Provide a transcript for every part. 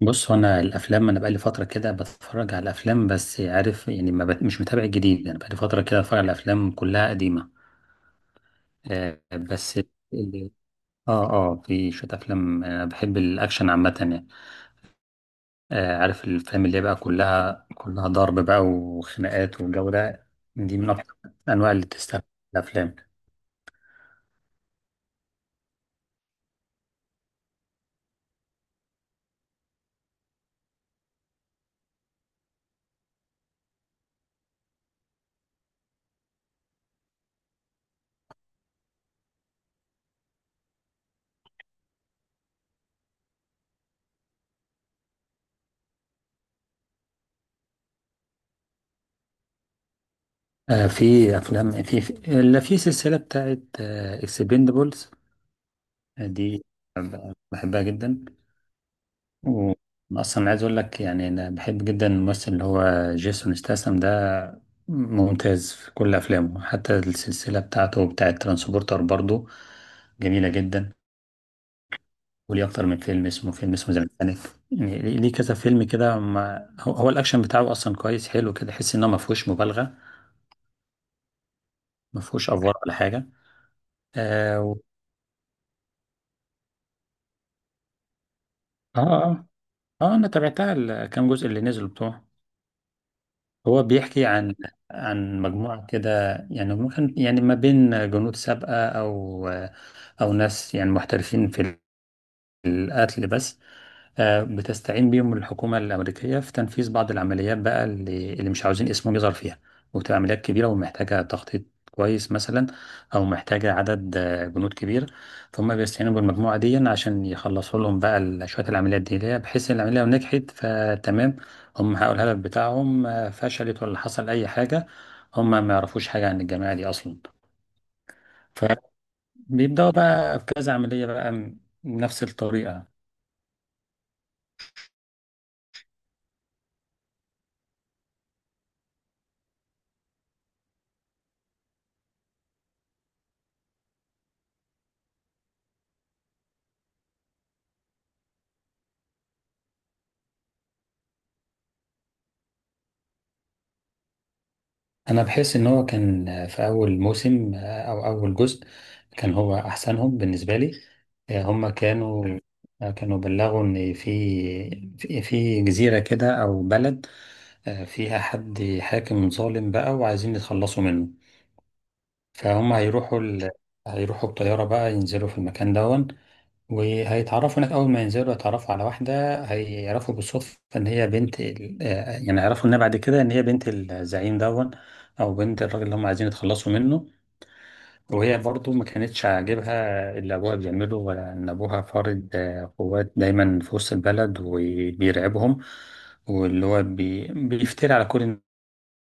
بص هو انا الافلام انا بقالي فتره كده بتفرج على الافلام بس عارف يعني ما بت... مش متابع الجديد. انا بقالي فتره كده بتفرج على الافلام كلها قديمه. آه بس اللي... اه اه في شويه افلام، انا بحب الاكشن عامه يعني. عارف الافلام اللي هي بقى كلها ضرب بقى وخناقات والجو ده، دي من اكتر الانواع اللي تستهدف الافلام. في افلام في اللي في سلسله بتاعت اكسبندبلز دي، بحبها جدا. و- اصلا عايز اقول لك يعني انا بحب جدا الممثل اللي هو جيسون ستاثام ده، ممتاز في كل افلامه. حتى السلسله بتاعه ترانسبورتر برضو جميله جدا. وليه اكتر من فيلم، اسمه تايتانيك. يعني ليه كذا فيلم كده. هو الاكشن بتاعه اصلا كويس حلو كده، تحس انه ما فيهوش مبالغه، ما فيهوش افوار ولا حاجه. اه و- اه اه انا تابعتها الكام جزء اللي نزلوا بتوعه. هو بيحكي عن عن مجموعة كده، يعني ممكن يعني ما بين جنود سابقة، أو أو ناس يعني محترفين في القتل بس. بتستعين بيهم الحكومة الأمريكية في تنفيذ بعض العمليات بقى اللي مش عاوزين اسمهم يظهر فيها. وبتبقى عمليات كبيرة ومحتاجة تخطيط كويس مثلا، أو محتاجة عدد جنود كبير. فهم بيستعينوا بالمجموعة دي عشان يخلصوا لهم بقى شوية العمليات دي، اللي هي بحيث إن العملية لو نجحت فتمام، هم حققوا الهدف بتاعهم. فشلت ولا حصل أي حاجة، هم ما يعرفوش حاجة عن الجماعة دي أصلا. فبيبدأوا بقى في كذا عملية بقى نفس الطريقة. انا بحس ان هو كان في اول موسم او اول جزء، كان هو احسنهم بالنسبه لي. آه، هم كانوا آه، كانوا بلغوا ان في جزيره كده او بلد فيها حد حاكم ظالم بقى، وعايزين يتخلصوا منه. فهم هيروحوا ال... هيروحوا بطياره بقى، ينزلوا في المكان ده. وهيتعرفوا هناك أول ما ينزلوا، يتعرفوا على واحدة هيعرفوا بالصدفة إن هي بنت ال... آه، يعني يعرفوا إنها بعد كده إن هي بنت الزعيم دون، أو بنت الراجل اللي هم عايزين يتخلصوا منه. وهي برضو ما كانتش عاجبها اللي أبوها بيعمله، ولا إن أبوها فارض قوات دايما في وسط البلد وبيرعبهم، واللي هو بيفتري على كل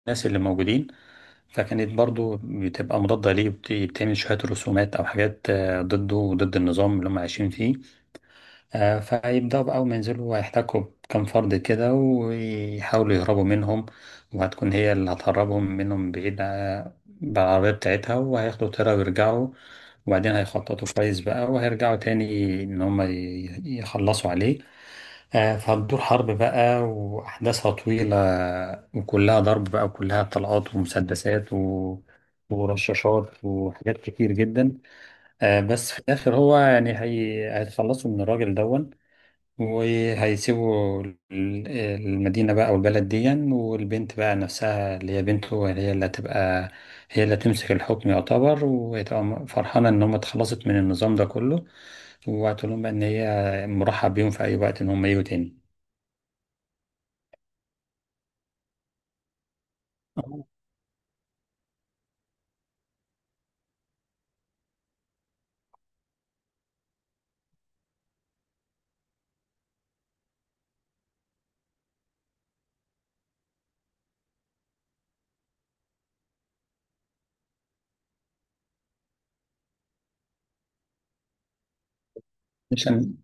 الناس اللي موجودين. فكانت برضو بتبقى مضادة ليه، بتعمل شوية رسومات أو حاجات ضده وضد النظام اللي هم عايشين فيه. فهيبدأوا بقى أول ما ينزلوا هيحتكوا بكام فرد كده، ويحاولوا يهربوا منهم. وهتكون هي اللي هتهربهم منهم بعيد بالعربية بتاعتها، وهياخدوا طيارة ويرجعوا. وبعدين هيخططوا كويس بقى، وهيرجعوا تاني إن هما يخلصوا عليه. فهتدور حرب بقى وأحداثها طويلة، وكلها ضرب بقى، وكلها طلقات ومسدسات ورشاشات وحاجات كتير جدا. بس في الآخر هو يعني هيتخلصوا من الراجل دون، وهيسيبوا المدينة بقى أو البلد دي. والبنت بقى نفسها اللي هي بنته، هي اللي هتبقى، هي اللي هتمسك الحكم يعتبر، وهتبقى فرحانة إن هم اتخلصت من النظام ده كله. وهتقول لهم بقى إن هي مرحب بيهم في أي وقت إن هم يجوا تاني. آه. عشان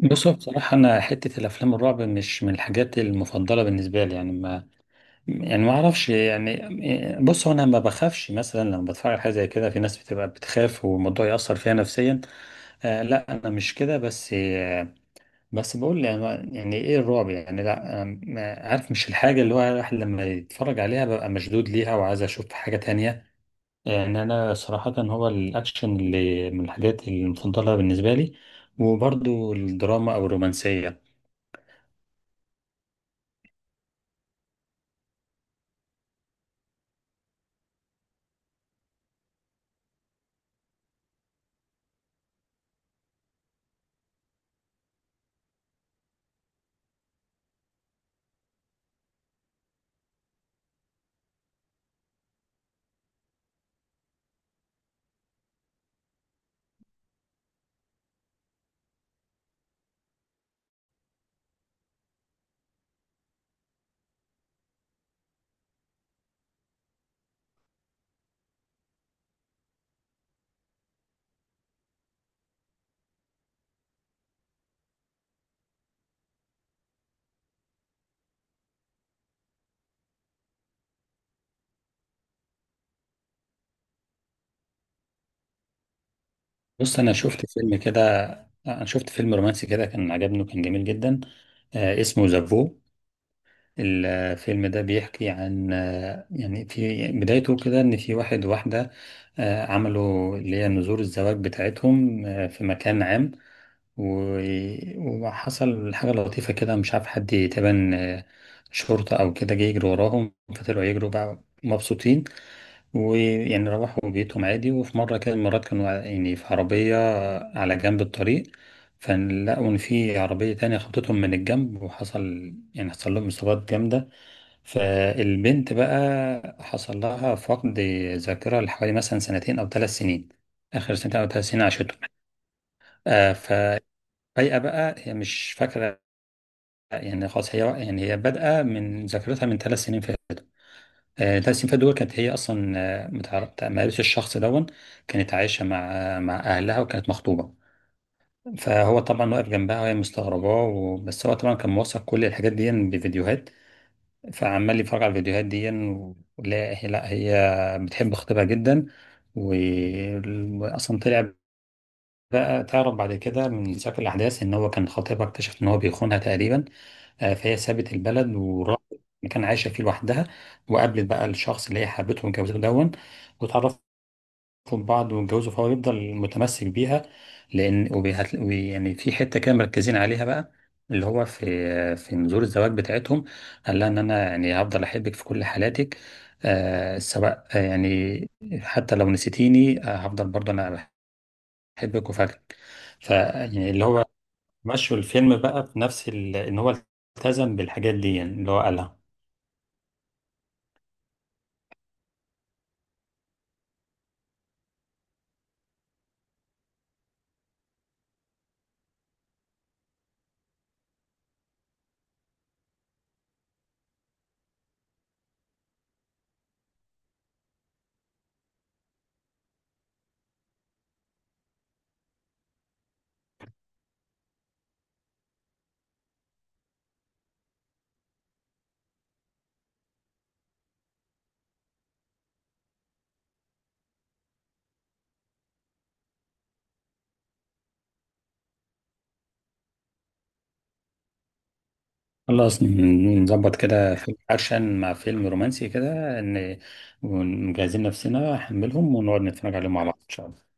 بصوا بصراحة، أنا حتة الأفلام الرعب مش من الحاجات المفضلة بالنسبة لي. يعني ما أعرفش يعني. بصوا، أنا ما بخافش مثلا لما بتفرج على حاجة زي كده. في ناس بتبقى بتخاف والموضوع يأثر فيها نفسيا، لا انا مش كده. بس بقول يعني، يعني ايه الرعب؟ يعني لا، أنا عارف مش الحاجه اللي هو الواحد لما يتفرج عليها ببقى مشدود ليها وعايز اشوف حاجه تانية. يعني انا صراحه هو الاكشن اللي من الحاجات المفضله بالنسبه لي، وبرضو الدراما او الرومانسيه. بص انا شفت فيلم كده، انا شفت فيلم رومانسي كده كان عجبني وكان جميل جدا. اسمه ذا. الفيلم ده بيحكي عن يعني في بدايته كده ان في واحد وواحدة عملوا اللي هي نذور الزواج بتاعتهم في مكان عام. و- وحصل حاجة لطيفة كده، مش عارف حد تبان شرطة أو كده، جه يجري وراهم، فطلعوا يجروا بقى مبسوطين. ويعني روحوا بيتهم عادي. وفي مرة كده المرات كانوا يعني في عربية على جنب الطريق، فلقوا إن في عربية تانية خبطتهم من الجنب، وحصل يعني حصل لهم إصابات جامدة. فالبنت بقى حصل لها فقد ذاكرة لحوالي مثلا سنتين أو ثلاث سنين، آخر سنتين أو ثلاث سنين عاشتهم. آه ففجأة بقى هي مش فاكرة، يعني خلاص هي يعني هي بادئة من ذاكرتها من ثلاث سنين فاتوا. آه، ثلاث سنين فاتوا دول كانت هي أصلا متعرف، ما قابلتش الشخص دون، كانت عايشة مع مع أهلها وكانت مخطوبة. فهو طبعا واقف جنبها وهي مستغرباه، بس هو طبعا كان موثق كل الحاجات دي بفيديوهات، فعمال يتفرج على الفيديوهات دي. ولا هي، لا هي بتحب خطيبها جدا. و- واصلا طلع بقى تعرف بعد كده من سياق الاحداث ان هو كان خطيبها اكتشف ان هو بيخونها تقريبا. فهي سابت البلد وراحت مكان عايشه فيه لوحدها، وقابلت بقى الشخص اللي هي حبته واتجوزته دون. واتعرفت، يخطب بعض ويتجوزوا، فهو يفضل متمسك بيها. لان وبيهت... وبي- يعني في حته كده مركزين عليها بقى، اللي هو في نذور الزواج بتاعتهم، قال لها ان انا يعني هفضل احبك في كل حالاتك. آه سواء يعني حتى لو نسيتيني آه، هفضل برضه انا بحبك وفاكرك. ف يعني اللي هو مشوا الفيلم بقى في نفس ان هو التزم بالحاجات دي، يعني اللي هو قالها. خلاص نظبط كده فيلم أكشن مع فيلم رومانسي كده، إن ونجهزين نفسنا حملهم ونقعد نتفرج عليهم مع بعض إن شاء الله.